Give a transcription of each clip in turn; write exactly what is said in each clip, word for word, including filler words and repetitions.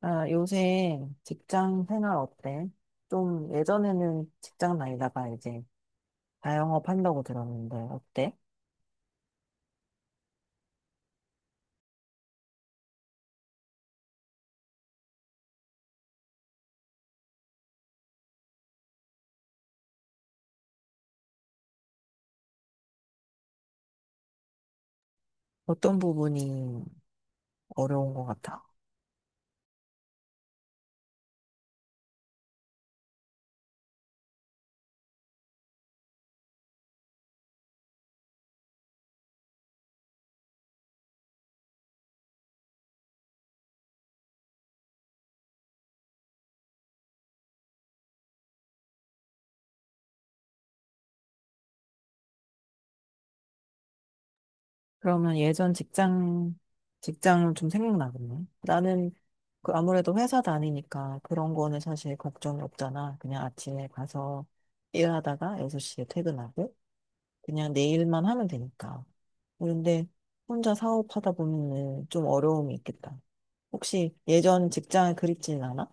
아, 요새 직장 생활 어때? 좀 예전에는 직장 다니다가 이제 자영업 한다고 들었는데 어때? 어떤 부분이 어려운 것 같아? 그러면 예전 직장, 직장 좀 생각나겠네. 나는 그 아무래도 회사 다니니까 그런 거는 사실 걱정이 없잖아. 그냥 아침에 가서 일하다가 여섯 시에 퇴근하고 그냥 내 일만 하면 되니까. 그런데 혼자 사업하다 보면은 좀 어려움이 있겠다. 혹시 예전 직장을 그립지는 않아?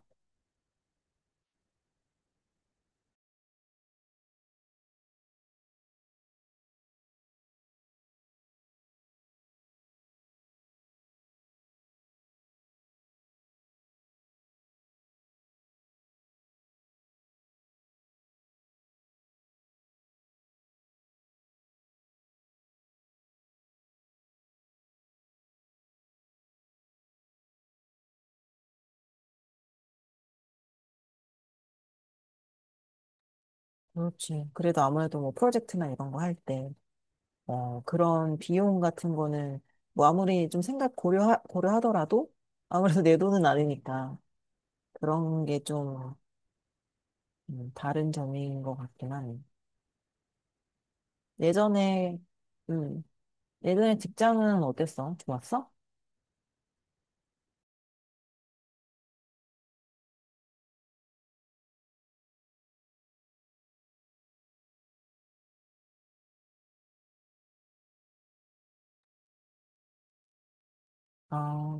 그렇지. 그래도 아무래도 뭐 프로젝트나 이런 거 할 때, 어, 그런 비용 같은 거는 뭐 아무리 좀 생각 고려하, 고려하더라도 아무래도 내 돈은 아니니까 그런 게좀 음, 다른 점인 것 같긴 하네. 예전에, 음, 예전에 직장은 어땠어? 좋았어? 아,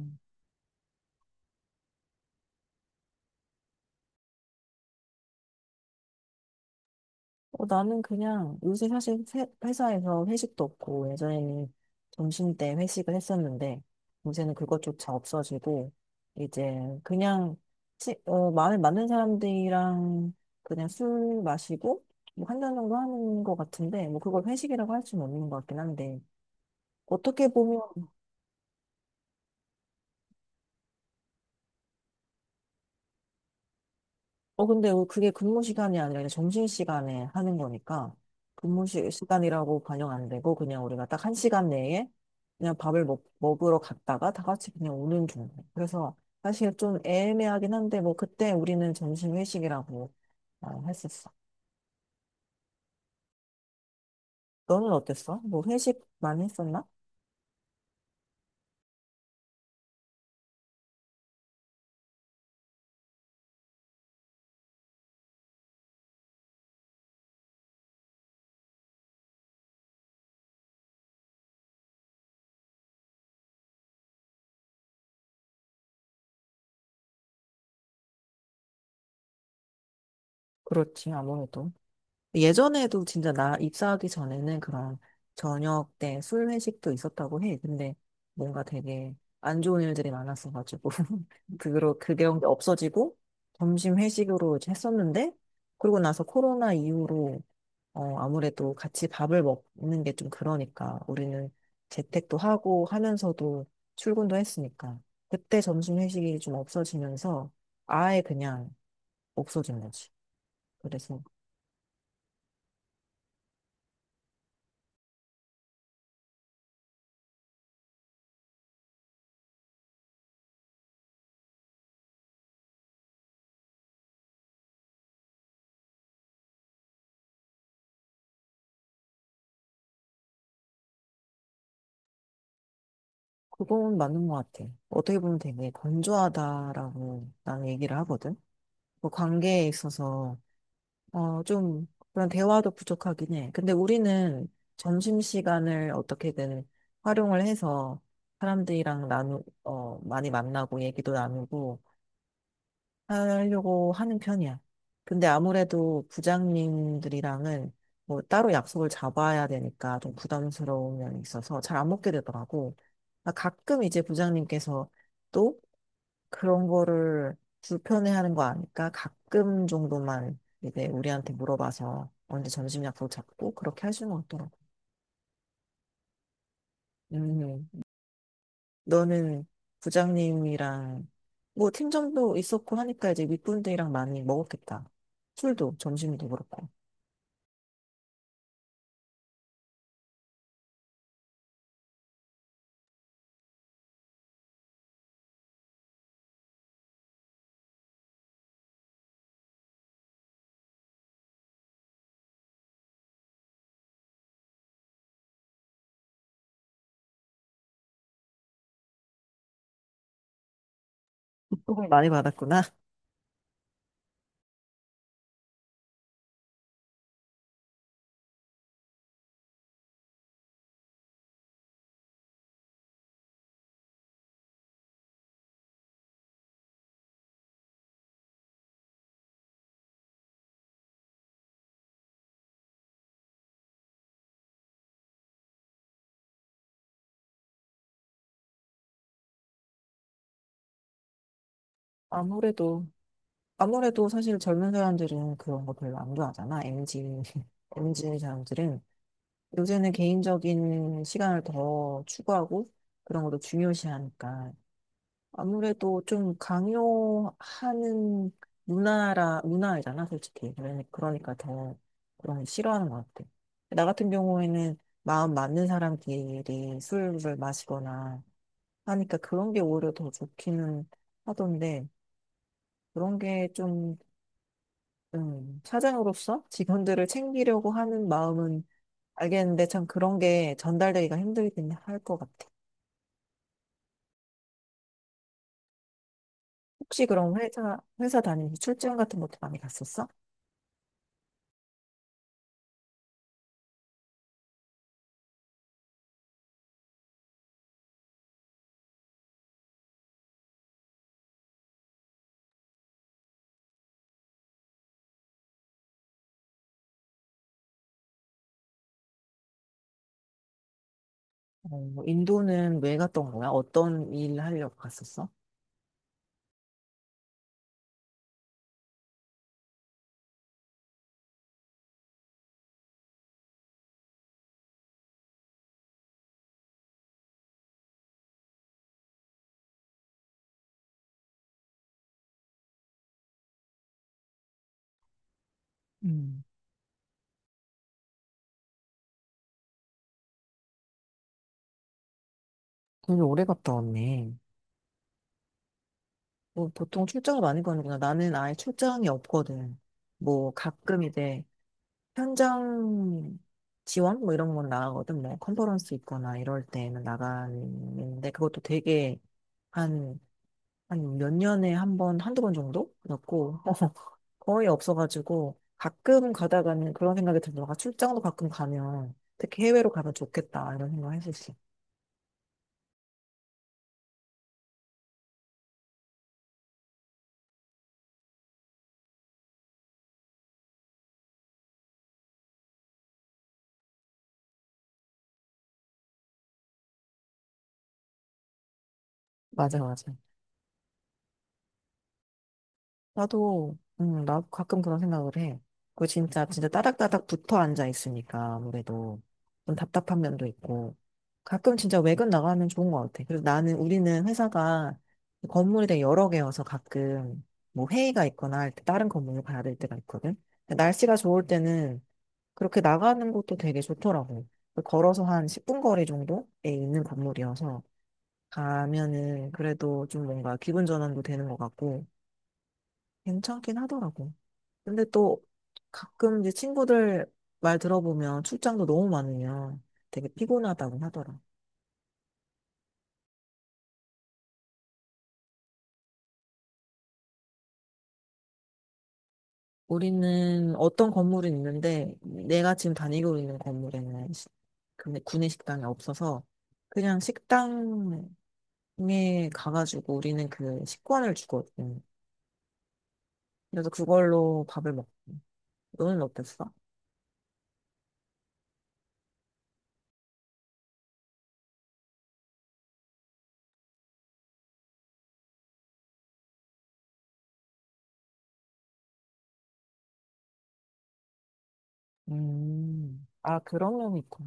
어, 나는 그냥 요새 사실 세- 회사에서 회식도 없고 예전에는 점심때 회식을 했었는데 요새는 그것조차 없어지고 이제 그냥 치, 어, 마음에 맞는 사람들이랑 그냥 술 마시고 뭐 한 잔 정도 하는 것 같은데 뭐 그걸 회식이라고 할 수는 없는 것 같긴 한데 어떻게 보면 어, 근데 그게 근무 시간이 아니라 그냥 점심 시간에 하는 거니까 근무 시- 시간이라고 반영 안 되고 그냥 우리가 딱 한 시간 내에 그냥 밥을 먹, 먹으러 갔다가 다 같이 그냥 오는 중 그래서 사실 좀 애매하긴 한데 뭐 그때 우리는 점심 회식이라고 어, 했었어. 너는 어땠어? 뭐 회식 많이 했었나? 그렇지, 아무래도. 예전에도 진짜 나 입사하기 전에는 그런 저녁 때 술 회식도 있었다고 해. 근데 뭔가 되게 안 좋은 일들이 많았어가지고 그로 그게 없어지고 점심 회식으로 이제 했었는데 그러고 나서 코로나 이후로 어 아무래도 같이 밥을 먹는 게 좀 그러니까 우리는 재택도 하고 하면서도 출근도 했으니까 그때 점심 회식이 좀 없어지면서 아예 그냥 없어진 거지. 그래서 그건 맞는 것 같아. 어떻게 보면 되게 건조하다라고 나는 얘기를 하거든. 뭐 관계에 있어서, 어, 좀 그런 대화도 부족하긴 해. 근데 우리는 점심시간을 어떻게든 활용을 해서 사람들이랑 나누, 어, 많이 만나고 얘기도 나누고 하려고 하는 편이야. 근데 아무래도 부장님들이랑은 뭐 따로 약속을 잡아야 되니까 좀 부담스러운 면이 있어서 잘 안 먹게 되더라고. 아, 가끔 이제 부장님께서 또 그런 거를 불편해하는 거 아니까 가끔 정도만 이제 우리한테 물어봐서 언제 점심 약속 잡고 그렇게 하시는 것 같더라고. 음, 너는 부장님이랑 뭐 팀장도 있었고 하니까 이제 윗분들이랑 많이 먹었겠다. 술도 점심도 그렇고. 조금 많이 받았구나. 아무래도 아무래도 사실 젊은 사람들은 그런 거 별로 안 좋아하잖아. 엠지 엠지 사람들은 요새는 개인적인 시간을 더 추구하고 그런 것도 중요시하니까 아무래도 좀 강요하는 문화라, 문화이잖아, 솔직히. 그러니- 그러니까 더 그런 거 싫어하는 것 같아. 나 같은 경우에는 마음 맞는 사람끼리 술을 마시거나 하니까 그런 게 오히려 더 좋기는 하던데, 그런 게 좀, 음, 사장으로서 직원들을 챙기려고 하는 마음은 알겠는데, 참 그런 게 전달되기가 힘들긴 할 것 같아. 혹시 그럼 회사, 회사 다니면서 출장 같은 것도 많이 갔었어? 어, 인도는 왜 갔던 거야? 어떤 일 하려고 갔었어? 음. 되게 오래 갔다 왔네. 뭐 보통 출장을 많이 가는구나. 나는 아예 출장이 없거든. 뭐 가끔 이제 현장 지원 뭐 이런 건 나가거든. 뭐 컨퍼런스 있거나 이럴 때는 나가는데 그것도 되게 한, 한 몇 년에 한 번, 한두 번 정도? 그렇고 거의 없어가지고 가끔 가다가는 그런 생각이 들더라고. 아, 출장도 가끔 가면 특히 해외로 가면 좋겠다 이런 생각 했었어. 맞아, 맞아. 나도, 음, 나 가끔 그런 생각을 해. 그 진짜, 진짜 따닥따닥 붙어 앉아 있으니까 아무래도 좀 답답한 면도 있고. 가끔 진짜 외근 나가면 좋은 것 같아. 그래서 나는, 우리는 회사가 건물이 되게 여러 개여서 가끔 뭐 회의가 있거나 할 때 다른 건물로 가야 될 때가 있거든. 근데 날씨가 좋을 때는 그렇게 나가는 것도 되게 좋더라고. 그 걸어서 한 십 분 거리 정도에 있는 건물이어서 가면은 그래도 좀 뭔가 기분 전환도 되는 것 같고. 괜찮긴 하더라고. 근데 또 가끔 이제 친구들 말 들어보면 출장도 너무 많으면 되게 피곤하다고 하더라. 우리는 어떤 건물이 있는데 내가 지금 다니고 있는 건물에는 시- 근데 구내 식당이 없어서 그냥 식당에 가가지고 우리는 그 식권을 주거든. 그래서 그걸로 밥을 먹. 너는 어땠어? 음. 아, 그런 면이 있구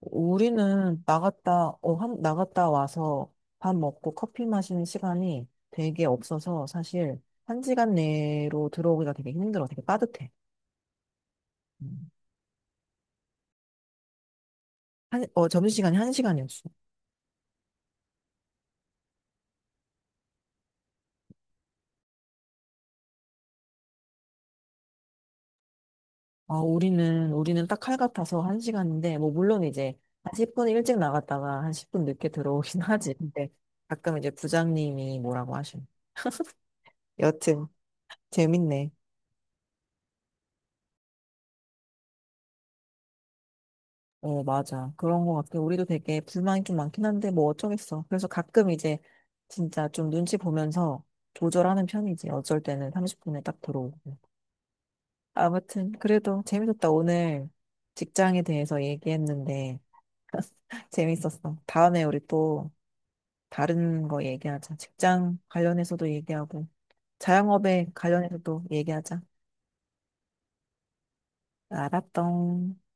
우리는 나갔다, 어, 한, 나갔다 와서 밥 먹고 커피 마시는 시간이 되게 없어서 사실 한 시간 내로 들어오기가 되게 힘들어. 되게 빠듯해. 음. 한, 어, 점심시간이 한 시간이었어. 어, 우리는, 우리는 딱 칼 같아서 한 시간인데, 뭐, 물론 이제 한 십 분 일찍 나갔다가 한 십 분 늦게 들어오긴 하지. 근데 가끔 이제 부장님이 뭐라고 하시네. 여튼, 재밌네. 어, 맞아. 그런 것 같아. 우리도 되게 불만이 좀 많긴 한데, 뭐 어쩌겠어. 그래서 가끔 이제 진짜 좀 눈치 보면서 조절하는 편이지. 어쩔 때는 삼십 분에 딱 들어오고. 아무튼, 그래도 재밌었다. 오늘 직장에 대해서 얘기했는데, 재밌었어. 다음에 우리 또 다른 거 얘기하자. 직장 관련해서도 얘기하고, 자영업에 관련해서도 얘기하자. 알았던.